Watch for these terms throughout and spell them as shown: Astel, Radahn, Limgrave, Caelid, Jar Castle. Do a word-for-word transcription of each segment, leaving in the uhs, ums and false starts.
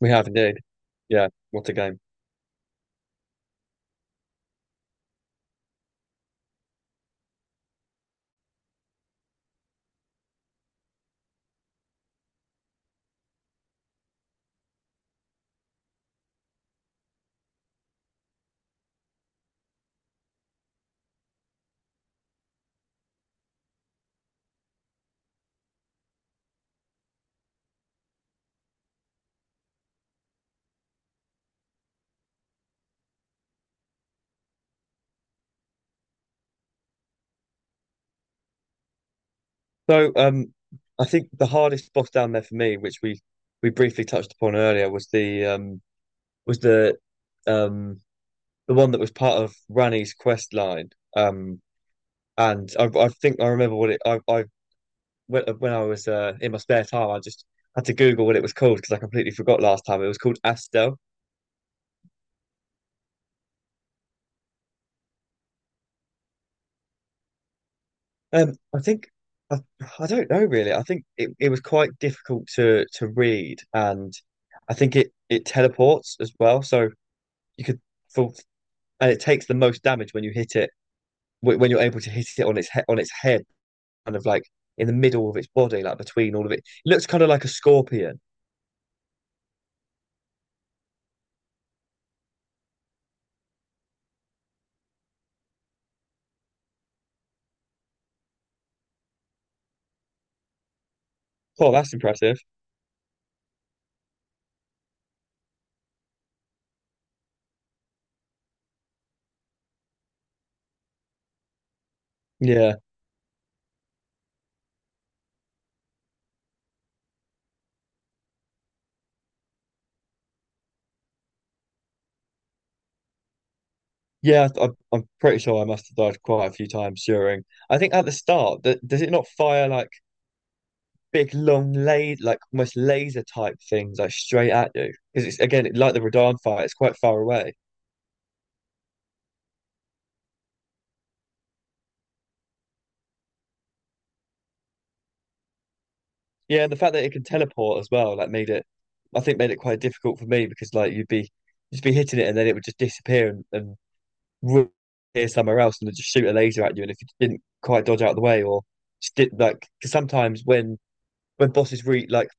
We have indeed. Yeah, what a game. So, um, I think the hardest boss down there for me, which we we briefly touched upon earlier, was the um was the um the one that was part of Rani's quest line. Um, and I I think I remember what it I I when when I was uh, in my spare time, I just had to Google what it was called because I completely forgot last time. It was called Astel. Um, I think I, I don't know really. I think it, it was quite difficult to to read, and I think it it teleports as well. So you could full and it takes the most damage when you hit it wh- when you're able to hit it on its he on its head, kind of like in the middle of its body, like between all of it. It looks kind of like a scorpion. Oh, that's impressive. Yeah, yeah. I, I'm I'm pretty sure I must have died quite a few times during. I think at the start, that does it not fire like? Big long lay like almost laser type things like straight at you because it's again like the Radahn fight, it's quite far away. Yeah, and the fact that it can teleport as well like made it, I think made it quite difficult for me, because like you'd be you'd be hitting it and then it would just disappear, and, and ru- appear somewhere else and then just shoot a laser at you. And if you didn't quite dodge out of the way or just did like, because sometimes when when bosses re like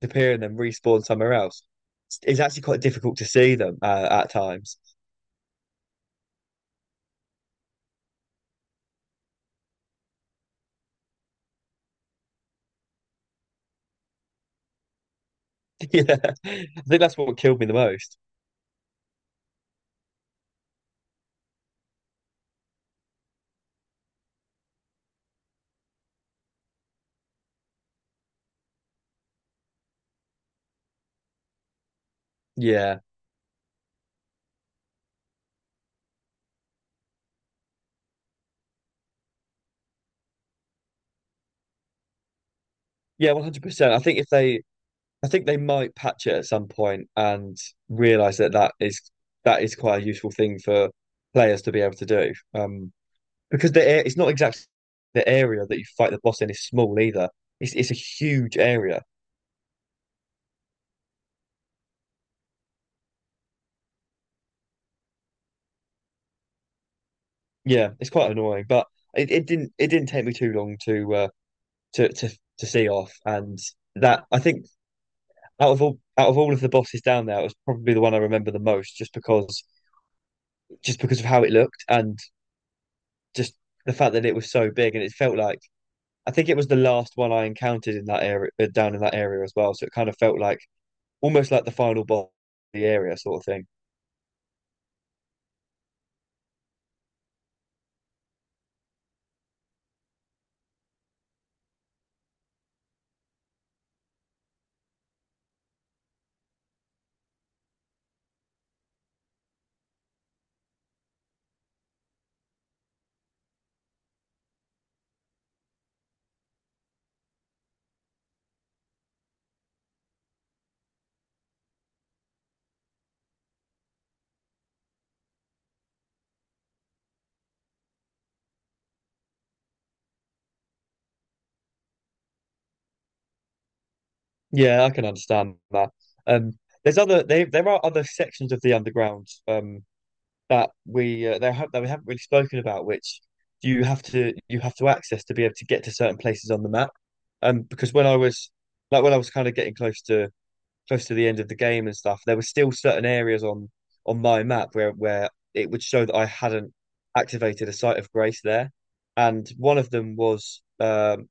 disappear and then respawn somewhere else, it's, it's actually quite difficult to see them uh, at times. Yeah, I think that's what killed me the most. Yeah. Yeah, one hundred percent. I think if they I think they might patch it at some point and realize that that is that is quite a useful thing for players to be able to do. Um because the a- it's not exactly, the area that you fight the boss in is small either. It's it's a huge area. Yeah, it's quite annoying, but it, it didn't, it didn't take me too long to uh to to to see off. And that, I think, out of all out of all of the bosses down there, it was probably the one I remember the most, just because just because of how it looked and just the fact that it was so big. And it felt like, I think it was the last one I encountered in that area, uh, down in that area as well. So it kind of felt like almost like the final boss of the area, sort of thing. Yeah, I can understand that. Um, there's other they, there are other sections of the underground um that we uh, there that we haven't really spoken about, which you have to you have to access to be able to get to certain places on the map. Um, because when I was, like when I was kind of getting close to close to the end of the game and stuff, there were still certain areas on on my map where where it would show that I hadn't activated a site of grace there, and one of them was, um,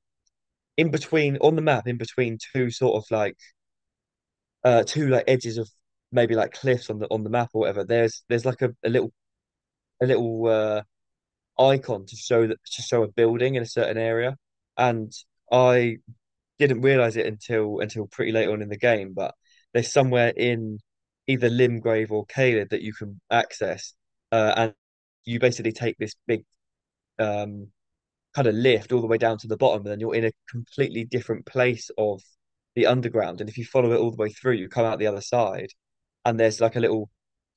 in between on the map, in between two sort of like, uh, two like edges of maybe like cliffs on the on the map or whatever. There's there's like a, a little a little uh, icon to show that, to show a building in a certain area, and I didn't realize it until until pretty late on in the game, but there's somewhere in either Limgrave or Caelid that you can access, uh, and you basically take this big, um, kind of lift all the way down to the bottom, and then you're in a completely different place of the underground. And if you follow it all the way through, you come out the other side, and there's like a little,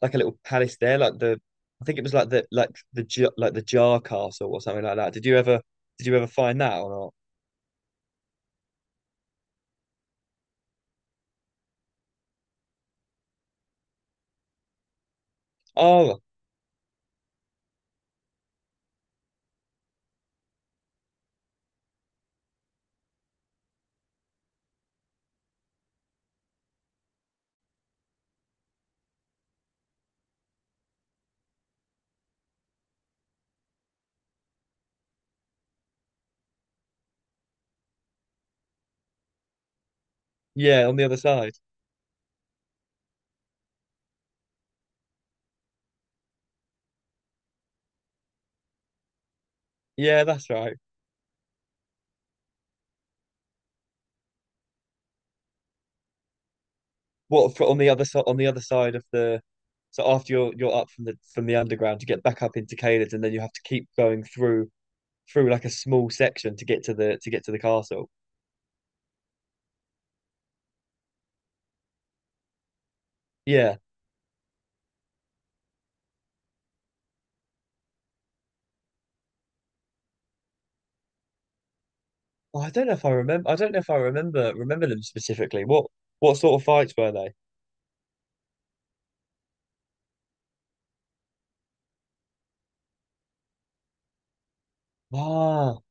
like a little palace there, like the, I think it was like the, like the J- like the Jar Castle or something like that. Did you ever did you ever find that or not? Oh, yeah, on the other side. Yeah, that's right. What, for on the other side, on the other side of the, so after you're you're up from the from the underground you get back up into Caelid, and then you have to keep going through through like a small section to get to the to get to the castle. Yeah. Oh, I don't know if I remember, I don't know if I remember remember them specifically. What what sort of fights were they? Ah,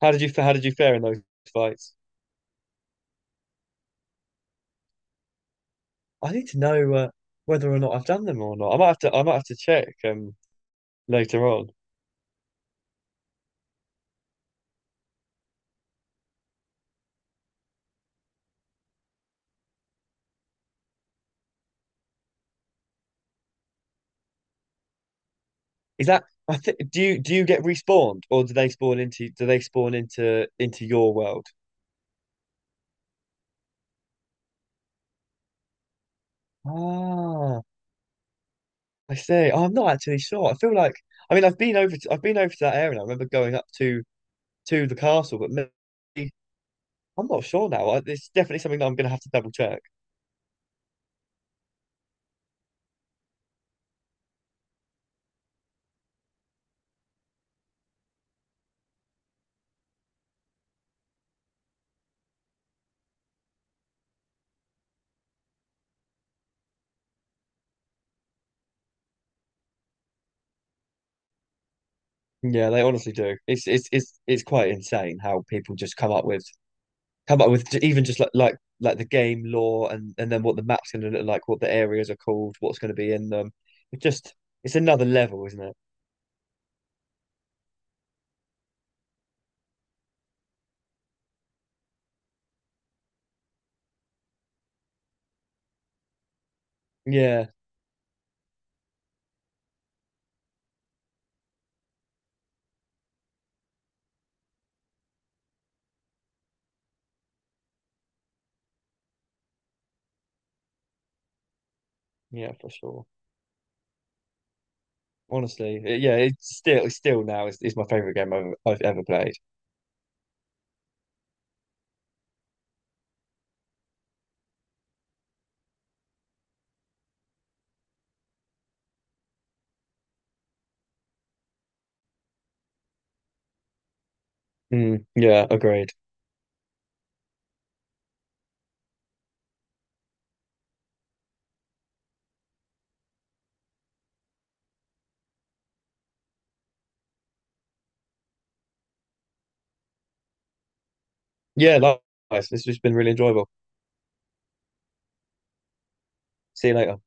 how did you fa- how did you fare in those fights? I need to know, uh, whether or not I've done them or not. I might have to, I might have to check um later on. Is that, I think, do you do you get respawned, or do they spawn into, do they spawn into into your world? Ah, I see. Oh, I'm not actually sure. I feel like, I mean I've been over to, I've been over to that area, and I remember going up to to the castle, but maybe I'm not sure now. I- It's definitely something that I'm gonna have to double check. Yeah, they honestly do. It's it's it's it's quite insane how people just come up with come up with j- even just like like like the game lore, and and then what the map's gonna look like, what the areas are called, what's gonna be in them. It just, it's another level, isn't it? Yeah, yeah, for sure. Honestly, it- yeah, it's still, it's still now is, is my favorite game I've, I've ever played. Mm, yeah, agreed. Yeah, likewise. This has been really enjoyable. See you later.